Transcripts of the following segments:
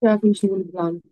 Ja, finde ich einen guten Plan.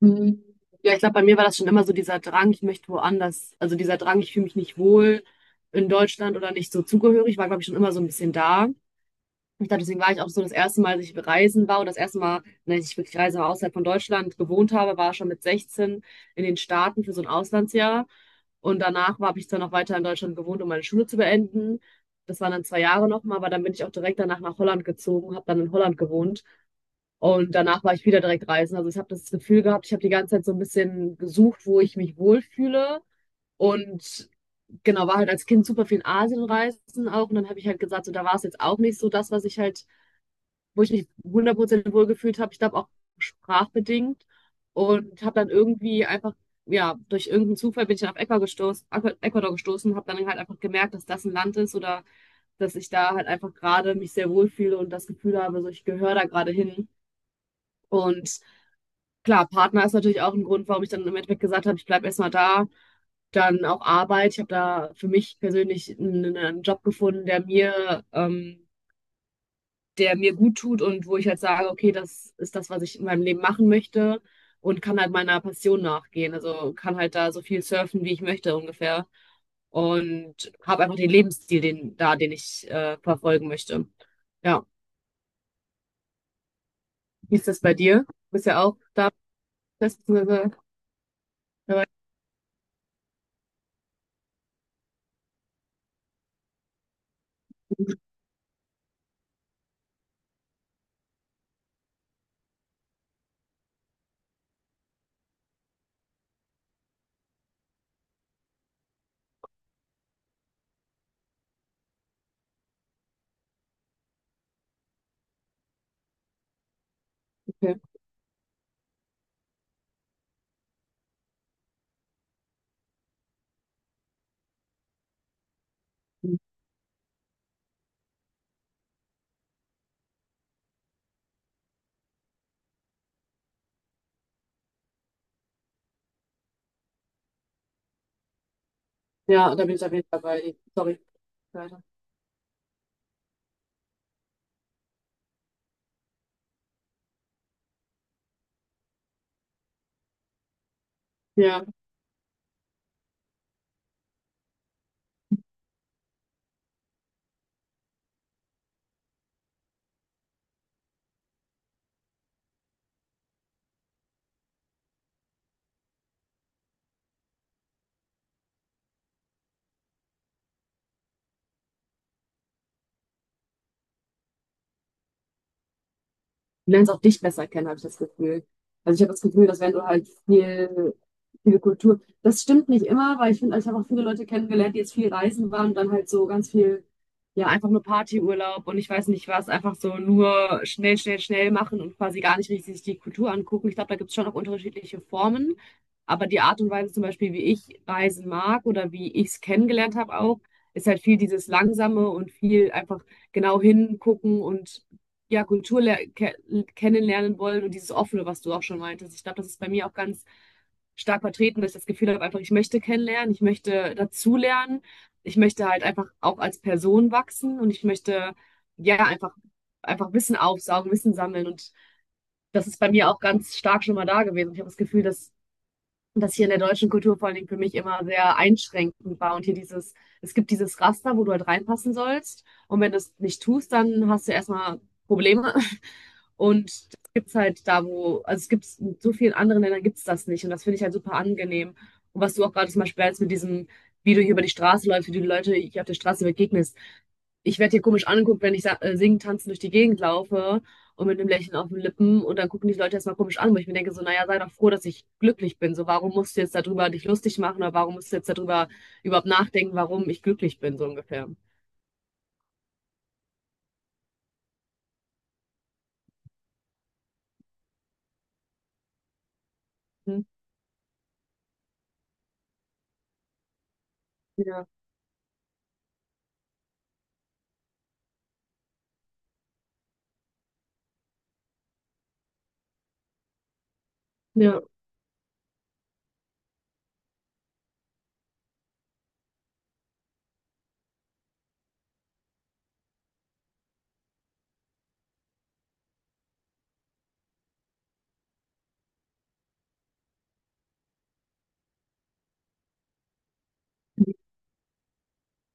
Mhm. Ja, ich glaube, bei mir war das schon immer so dieser Drang, ich möchte woanders, also dieser Drang, ich fühle mich nicht wohl in Deutschland oder nicht so zugehörig, war, glaube ich, schon immer so ein bisschen da. Ich glaube, deswegen war ich auch so das erste Mal, dass ich reisen war und das erste Mal, wenn ich wirklich reise, aber außerhalb von Deutschland gewohnt habe, war schon mit 16 in den Staaten für so ein Auslandsjahr. Und danach habe ich dann noch weiter in Deutschland gewohnt, um meine Schule zu beenden. Das waren dann 2 Jahre nochmal, aber dann bin ich auch direkt danach nach Holland gezogen, habe dann in Holland gewohnt. Und danach war ich wieder direkt reisen. Also ich habe das Gefühl gehabt, ich habe die ganze Zeit so ein bisschen gesucht, wo ich mich wohlfühle. Und genau, war halt als Kind super viel in Asien reisen auch. Und dann habe ich halt gesagt, so, da war es jetzt auch nicht so das, was ich halt, wo ich mich 100% wohlgefühlt habe. Ich glaube auch sprachbedingt. Und habe dann irgendwie einfach, ja, durch irgendeinen Zufall bin ich dann auf Ecuador gestoßen, Ecuador gestoßen, habe dann halt einfach gemerkt, dass das ein Land ist oder dass ich da halt einfach gerade mich sehr wohlfühle und das Gefühl habe, so ich gehöre da gerade hin. Und klar, Partner ist natürlich auch ein Grund, warum ich dann im Endeffekt gesagt habe, ich bleibe erstmal da. Dann auch Arbeit. Ich habe da für mich persönlich einen Job gefunden, der mir gut tut und wo ich halt sage, okay, das ist das, was ich in meinem Leben machen möchte und kann halt meiner Passion nachgehen. Also kann halt da so viel surfen, wie ich möchte ungefähr. Und habe einfach den Lebensstil den ich verfolgen möchte. Ja, wie ist das bei dir? Du bist ja auch da, beziehungsweise dabei. Okay. Ja, da bin ich auf jeden Fall bei dir. Sorry. Weiter. Ja. Du lernst auch dich besser kennen, habe ich das Gefühl. Also ich habe das Gefühl, dass wenn du halt viele Kultur, das stimmt nicht immer, weil ich finde, ich habe auch viele Leute kennengelernt, die jetzt viel reisen waren und dann halt so ganz viel, ja, einfach nur Partyurlaub und ich weiß nicht was, einfach so nur schnell, schnell, schnell machen und quasi gar nicht richtig sich die Kultur angucken. Ich glaube, da gibt es schon auch unterschiedliche Formen, aber die Art und Weise zum Beispiel, wie ich reisen mag oder wie ich es kennengelernt habe auch, ist halt viel dieses Langsame und viel einfach genau hingucken und ja, Kultur le- ke kennenlernen wollen und dieses Offene, was du auch schon meintest. Ich glaube, das ist bei mir auch ganz stark vertreten, dass ich das Gefühl habe, einfach, ich möchte kennenlernen, ich möchte dazulernen, ich möchte halt einfach auch als Person wachsen und ich möchte, ja, einfach, einfach Wissen aufsaugen, Wissen sammeln. Und das ist bei mir auch ganz stark schon mal da gewesen. Ich habe das Gefühl, dass das hier in der deutschen Kultur vor allen Dingen für mich immer sehr einschränkend war. Und hier dieses, es gibt dieses Raster, wo du halt reinpassen sollst. Und wenn du es nicht tust, dann hast du erstmal Probleme. Und das gibt es halt da, wo, also es gibt es in so vielen anderen Ländern gibt es das nicht. Und das finde ich halt super angenehm. Und was du auch gerade zum Beispiel jetzt mit diesem, wie du hier über die Straße läufst, wie du die Leute hier auf der Straße begegnest. Ich werde hier komisch angeguckt, wenn ich singen, tanzen durch die Gegend laufe und mit einem Lächeln auf den Lippen. Und dann gucken die Leute erstmal komisch an, wo ich mir denke, so, naja, sei doch froh, dass ich glücklich bin. So, warum musst du jetzt darüber dich lustig machen oder warum musst du jetzt darüber überhaupt nachdenken, warum ich glücklich bin, so ungefähr. Hm? Ja, ja,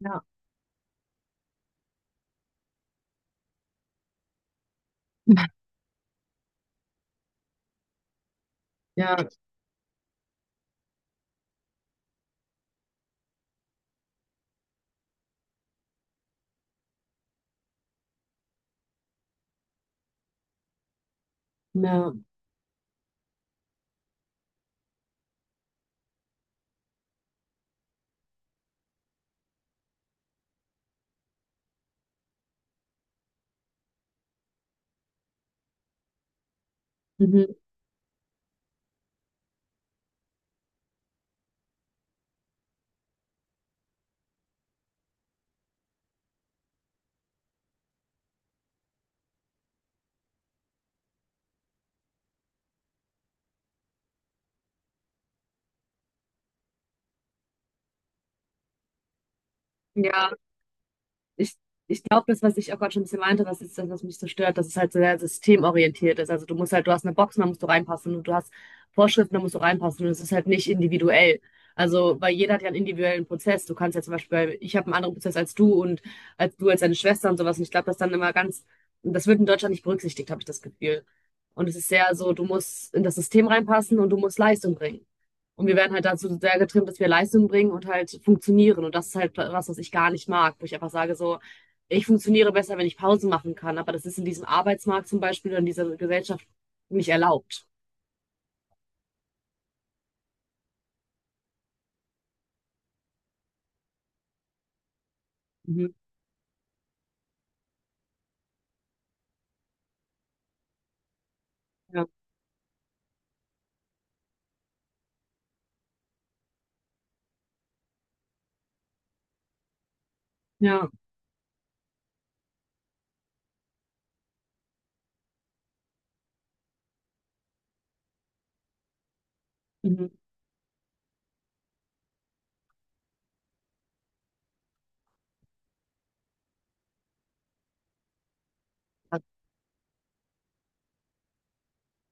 ja, ja, ja. Mhm. Ja, ich, ich glaube, das, was ich auch gerade schon ein bisschen meinte, das ist das, was mich so stört, dass es halt so sehr systemorientiert ist. Also du musst halt, du hast eine Box, da musst du reinpassen und du hast Vorschriften, da musst du reinpassen und es ist halt nicht individuell. Also, weil jeder hat ja einen individuellen Prozess. Du kannst ja zum Beispiel, ich habe einen anderen Prozess als du und als du als deine Schwester und sowas. Und ich glaube, das dann immer ganz, das wird in Deutschland nicht berücksichtigt, habe ich das Gefühl. Und es ist sehr so, du musst in das System reinpassen und du musst Leistung bringen. Und wir werden halt dazu sehr getrimmt, dass wir Leistung bringen und halt funktionieren. Und das ist halt was, was ich gar nicht mag, wo ich einfach sage, so, ich funktioniere besser, wenn ich Pausen machen kann. Aber das ist in diesem Arbeitsmarkt zum Beispiel oder in dieser Gesellschaft nicht erlaubt. Mhm. Ja, ja, Mhm.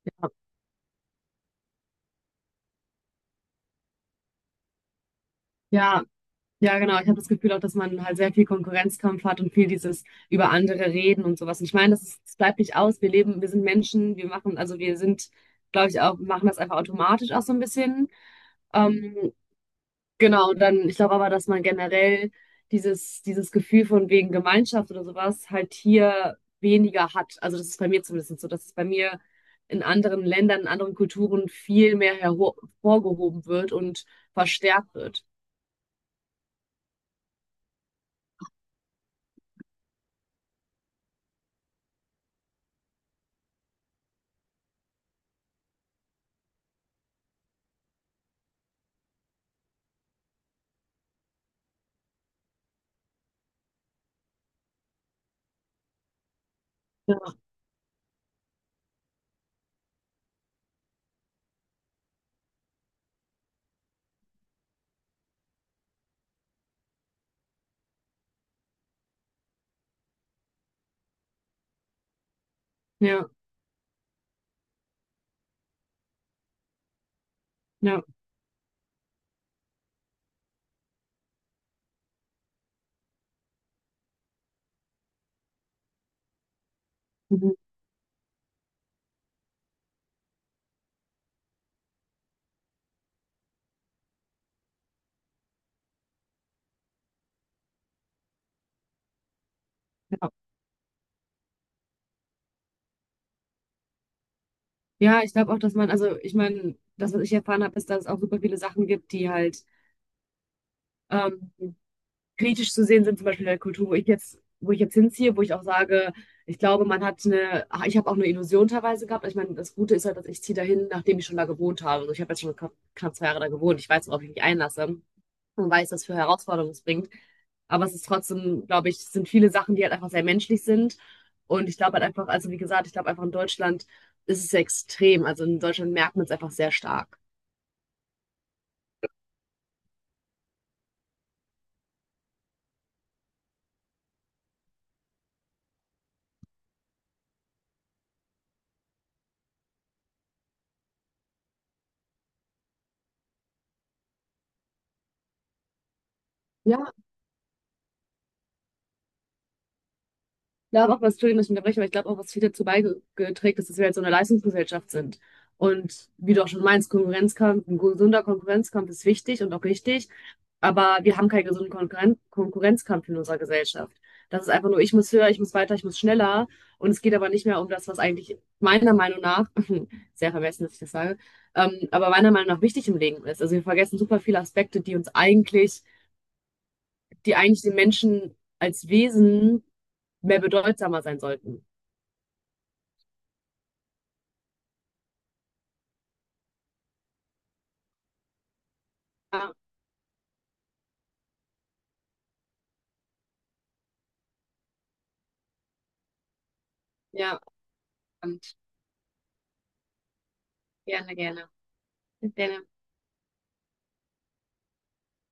Ja, ja, ja, genau. Ich habe das Gefühl auch, dass man halt sehr viel Konkurrenzkampf hat und viel dieses über andere reden und sowas. Und ich meine, das, ist, das bleibt nicht aus. Wir leben, wir sind Menschen, wir machen, also wir sind, glaube ich, auch, machen das einfach automatisch auch so ein bisschen. Ähm, Genau, und dann, ich glaube aber, dass man generell dieses Gefühl von wegen Gemeinschaft oder sowas halt hier weniger hat. Also das ist bei mir zumindest so, dass es bei mir in anderen Ländern, in anderen Kulturen viel mehr hervorgehoben wird und verstärkt wird. Ja, ja, ja. Mhm. Ja, Ja, ich glaube auch, dass man, also ich meine, das, was ich erfahren habe, ist, dass es auch super viele Sachen gibt, die halt ähm, kritisch zu sehen sind, zum Beispiel in der Kultur, wo ich jetzt hinziehe, wo ich auch sage, ich glaube, man hat ich habe auch eine Illusion teilweise gehabt. Ich meine, das Gute ist halt, dass ich ziehe dahin, nachdem ich schon da gewohnt habe. Also ich habe jetzt schon knapp 2 Jahre da gewohnt. Ich weiß, worauf ich mich einlasse und weiß, was für Herausforderungen es bringt. Aber es ist trotzdem, glaube ich, es sind viele Sachen, die halt einfach sehr menschlich sind. Und ich glaube halt einfach, also wie gesagt, ich glaube einfach in Deutschland ist es extrem. Also in Deutschland merkt man es einfach sehr stark. Ja, glaube auch, was, Entschuldigung, dass ich unterbreche, aber ich glaube auch, was viel dazu beigeträgt ist, dass wir jetzt so eine Leistungsgesellschaft sind. Und wie du auch schon meinst, Konkurrenzkampf, ein gesunder Konkurrenzkampf ist wichtig und auch richtig, aber wir haben keinen gesunden Konkurrenzkampf in unserer Gesellschaft. Das ist einfach nur, ich muss höher, ich muss weiter, ich muss schneller. Und es geht aber nicht mehr um das, was eigentlich meiner Meinung nach, sehr vermessen, dass ich das sage, aber meiner Meinung nach wichtig im Leben ist. Also wir vergessen super viele Aspekte, die uns eigentlich, die eigentlich den Menschen als Wesen mehr bedeutsamer sein sollten. Ja, ja, und gerne, gerne. Gerne.